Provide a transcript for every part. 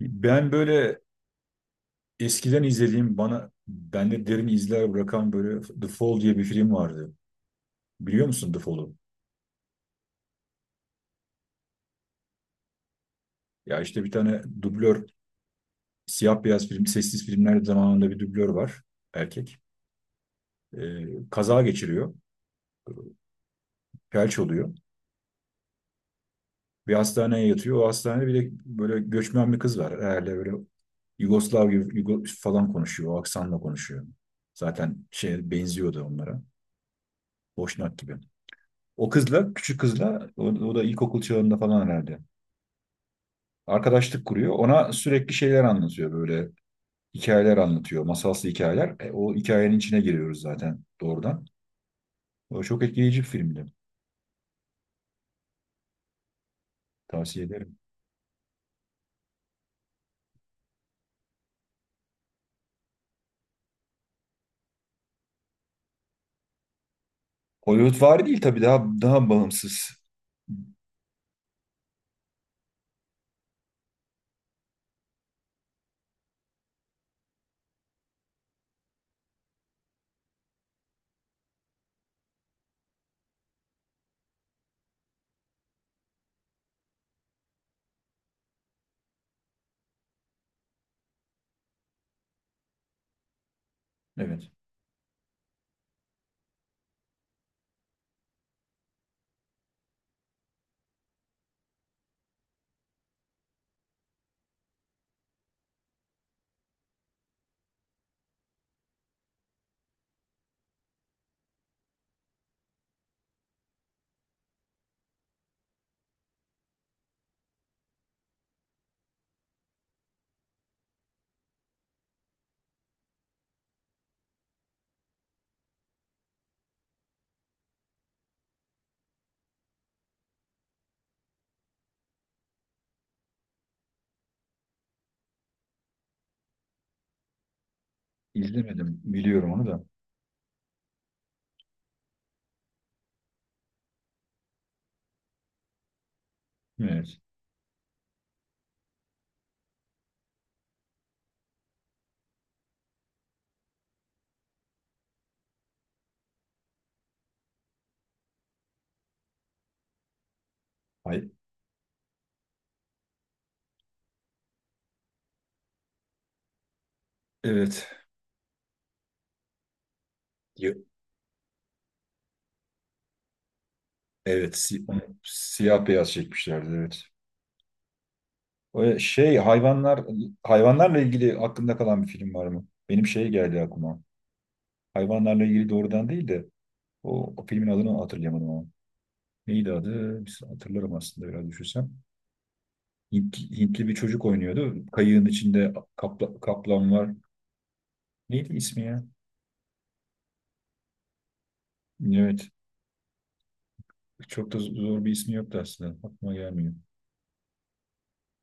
Ben böyle eskiden izlediğim bana bende derin izler bırakan böyle The Fall diye bir film vardı. Biliyor musun The Fall'u? Ya işte bir tane dublör, siyah beyaz film, sessiz filmler zamanında bir dublör var, erkek. Kaza geçiriyor. Felç oluyor. Bir hastaneye yatıyor. O hastanede bir de böyle göçmen bir kız var. Herhalde böyle Yugoslav gibi Yugo falan konuşuyor. O aksanla konuşuyor. Zaten şey benziyordu onlara. Boşnak gibi. O kızla, küçük kızla, o da ilkokul çağında falan herhalde arkadaşlık kuruyor. Ona sürekli şeyler anlatıyor, böyle hikayeler anlatıyor. Masalsı hikayeler. E, o hikayenin içine giriyoruz zaten doğrudan. O çok etkileyici bir filmdi. Tavsiye ederim. Hollywoodvari değil tabii, daha bağımsız. Evet. İzlemedim. Biliyorum onu da. Evet. Ay, evet. Yo- Evet. si- onu siyah beyaz çekmişlerdi. Evet. O e, şey hayvanlar, hayvanlarla ilgili aklında kalan bir film var mı? Benim şey geldi aklıma. Hayvanlarla ilgili doğrudan değil de o filmin adını hatırlayamadım ama neydi adı? Biz hatırlarım aslında biraz düşünsem. Hintli bir çocuk oynuyordu. Kayığın içinde kaplan var. Neydi ismi ya? Evet. Çok da zor bir ismi yoktu aslında. Aklıma gelmiyor.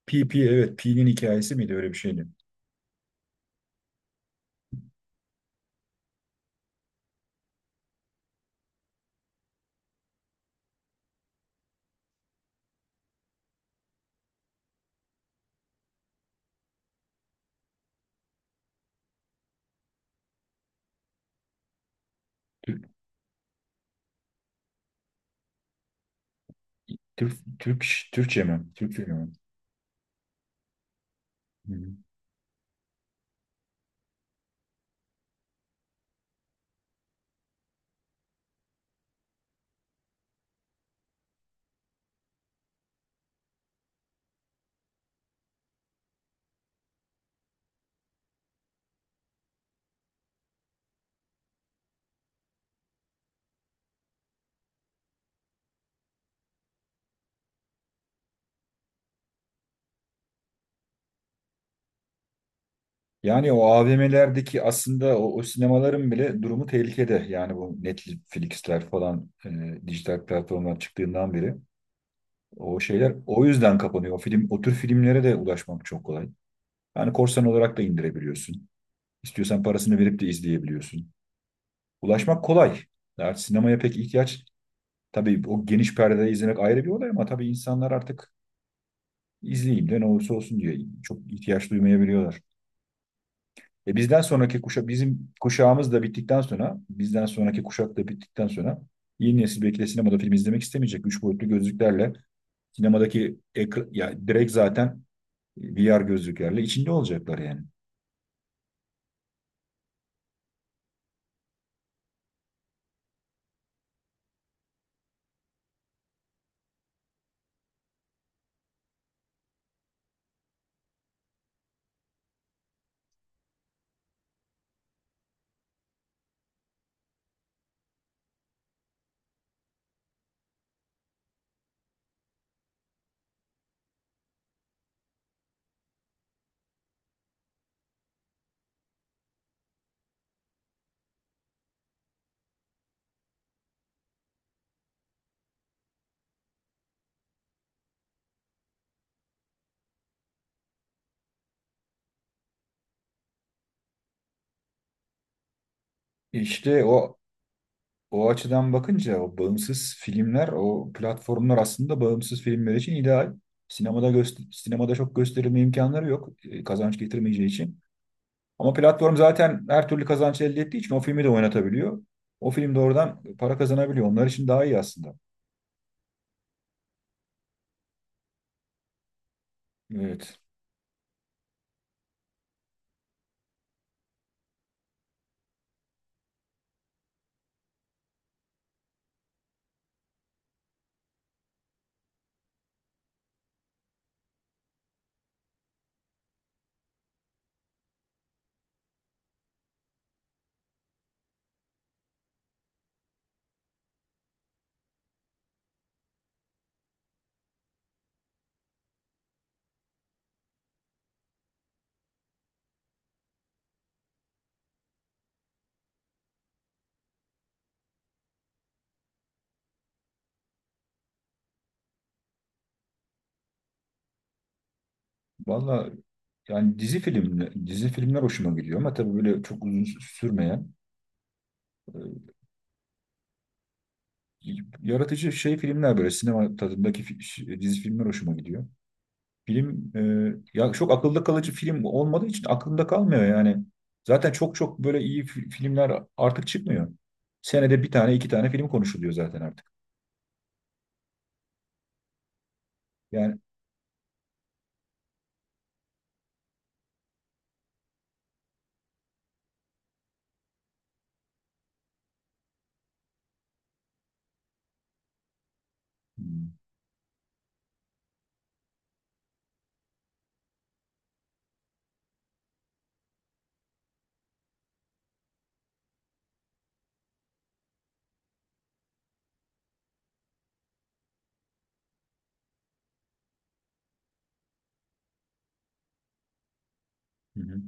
P, evet. P'nin hikayesi miydi? Öyle bir şeydi. Türk, Türk, Türk, Türkçe mi? Türkçe mi? Hı hı. Yani o AVM'lerdeki aslında o sinemaların bile durumu tehlikede. Yani bu Netflix'ler falan, dijital platformlar çıktığından beri. O şeyler o yüzden kapanıyor. O film, o tür filmlere de ulaşmak çok kolay. Yani korsan olarak da indirebiliyorsun. İstiyorsan parasını verip de izleyebiliyorsun. Ulaşmak kolay. Artık sinemaya pek ihtiyaç, tabii o geniş perdede izlemek ayrı bir olay, ama tabii insanlar artık izleyeyim de ne olursa olsun diye çok ihtiyaç duymayabiliyorlar. E, bizden sonraki kuşa, bizim kuşağımız da bittikten sonra, bizden sonraki kuşak da bittikten sonra yeni nesil belki de sinemada film izlemek istemeyecek. Üç boyutlu gözlüklerle sinemadaki ekra- ya direkt zaten VR gözlüklerle içinde olacaklar yani. İşte o açıdan bakınca o bağımsız filmler, o platformlar aslında bağımsız filmler için ideal. Sinemada göster, sinemada çok gösterilme imkanları yok, kazanç getirmeyeceği için. Ama platform zaten her türlü kazanç elde ettiği için o filmi de oynatabiliyor. O film de oradan para kazanabiliyor. Onlar için daha iyi aslında. Evet. Valla yani dizi filmler hoşuma gidiyor ama tabii böyle çok uzun sürmeyen. e, Yaratıcı şey filmler, böyle sinema tadındaki dizi filmler hoşuma gidiyor. Film e, ya çok akılda kalıcı film olmadığı için aklımda kalmıyor yani. Zaten çok böyle iyi filmler artık çıkmıyor. Senede bir tane iki tane film konuşuluyor zaten artık. Yani. Hı hı.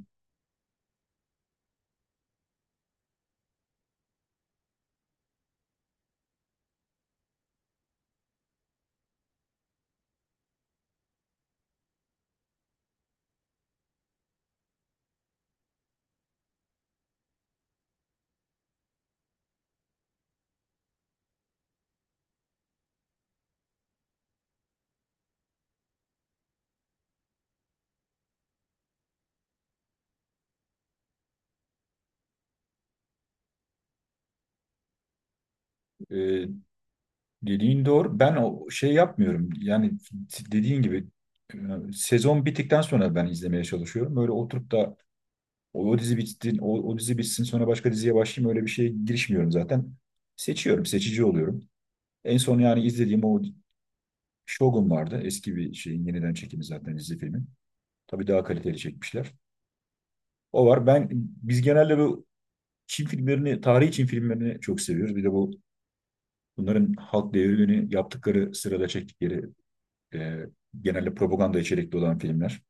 E, dediğin doğru. Ben o şey yapmıyorum. Yani dediğin gibi, e, sezon bittikten sonra ben izlemeye çalışıyorum. Böyle oturup da O dizi bitsin, o dizi bitsin, sonra başka diziye başlayayım, öyle bir şeye girişmiyorum zaten. Seçiyorum, seçici oluyorum. En son yani izlediğim o Shogun vardı. Eski bir şeyin yeniden çekimi zaten dizi filmin. Tabii daha kaliteli çekmişler. O var. Biz genelde bu Çin filmlerini, tarihi Çin filmlerini çok seviyoruz. Bir de bunların halk devrimini yaptıkları sırada çektikleri, e, genelde propaganda içerikli olan filmler.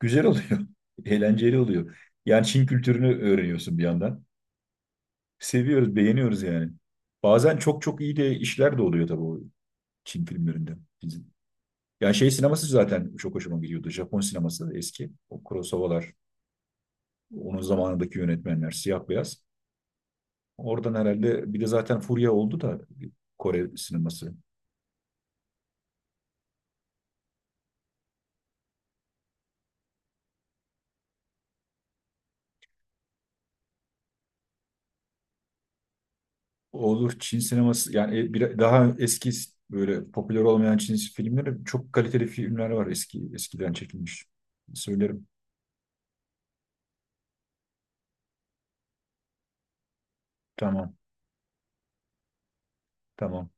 Güzel oluyor. Eğlenceli oluyor. Yani Çin kültürünü öğreniyorsun bir yandan. Seviyoruz, beğeniyoruz yani. Bazen çok iyi de işler de oluyor tabii o Çin filmlerinde. Bizim. Yani şey sineması zaten çok hoşuma gidiyordu. Japon sineması eski. O Kurosawa'lar, onun zamanındaki yönetmenler, siyah beyaz. Oradan herhalde bir de zaten furya oldu da Kore sineması. Olur, Çin sineması yani, daha eski böyle popüler olmayan Çin filmleri, çok kaliteli filmler var eski, eskiden çekilmiş. Söylerim. Tamam, tamam,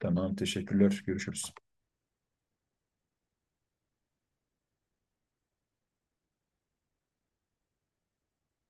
tamam. Teşekkürler. Görüşürüz.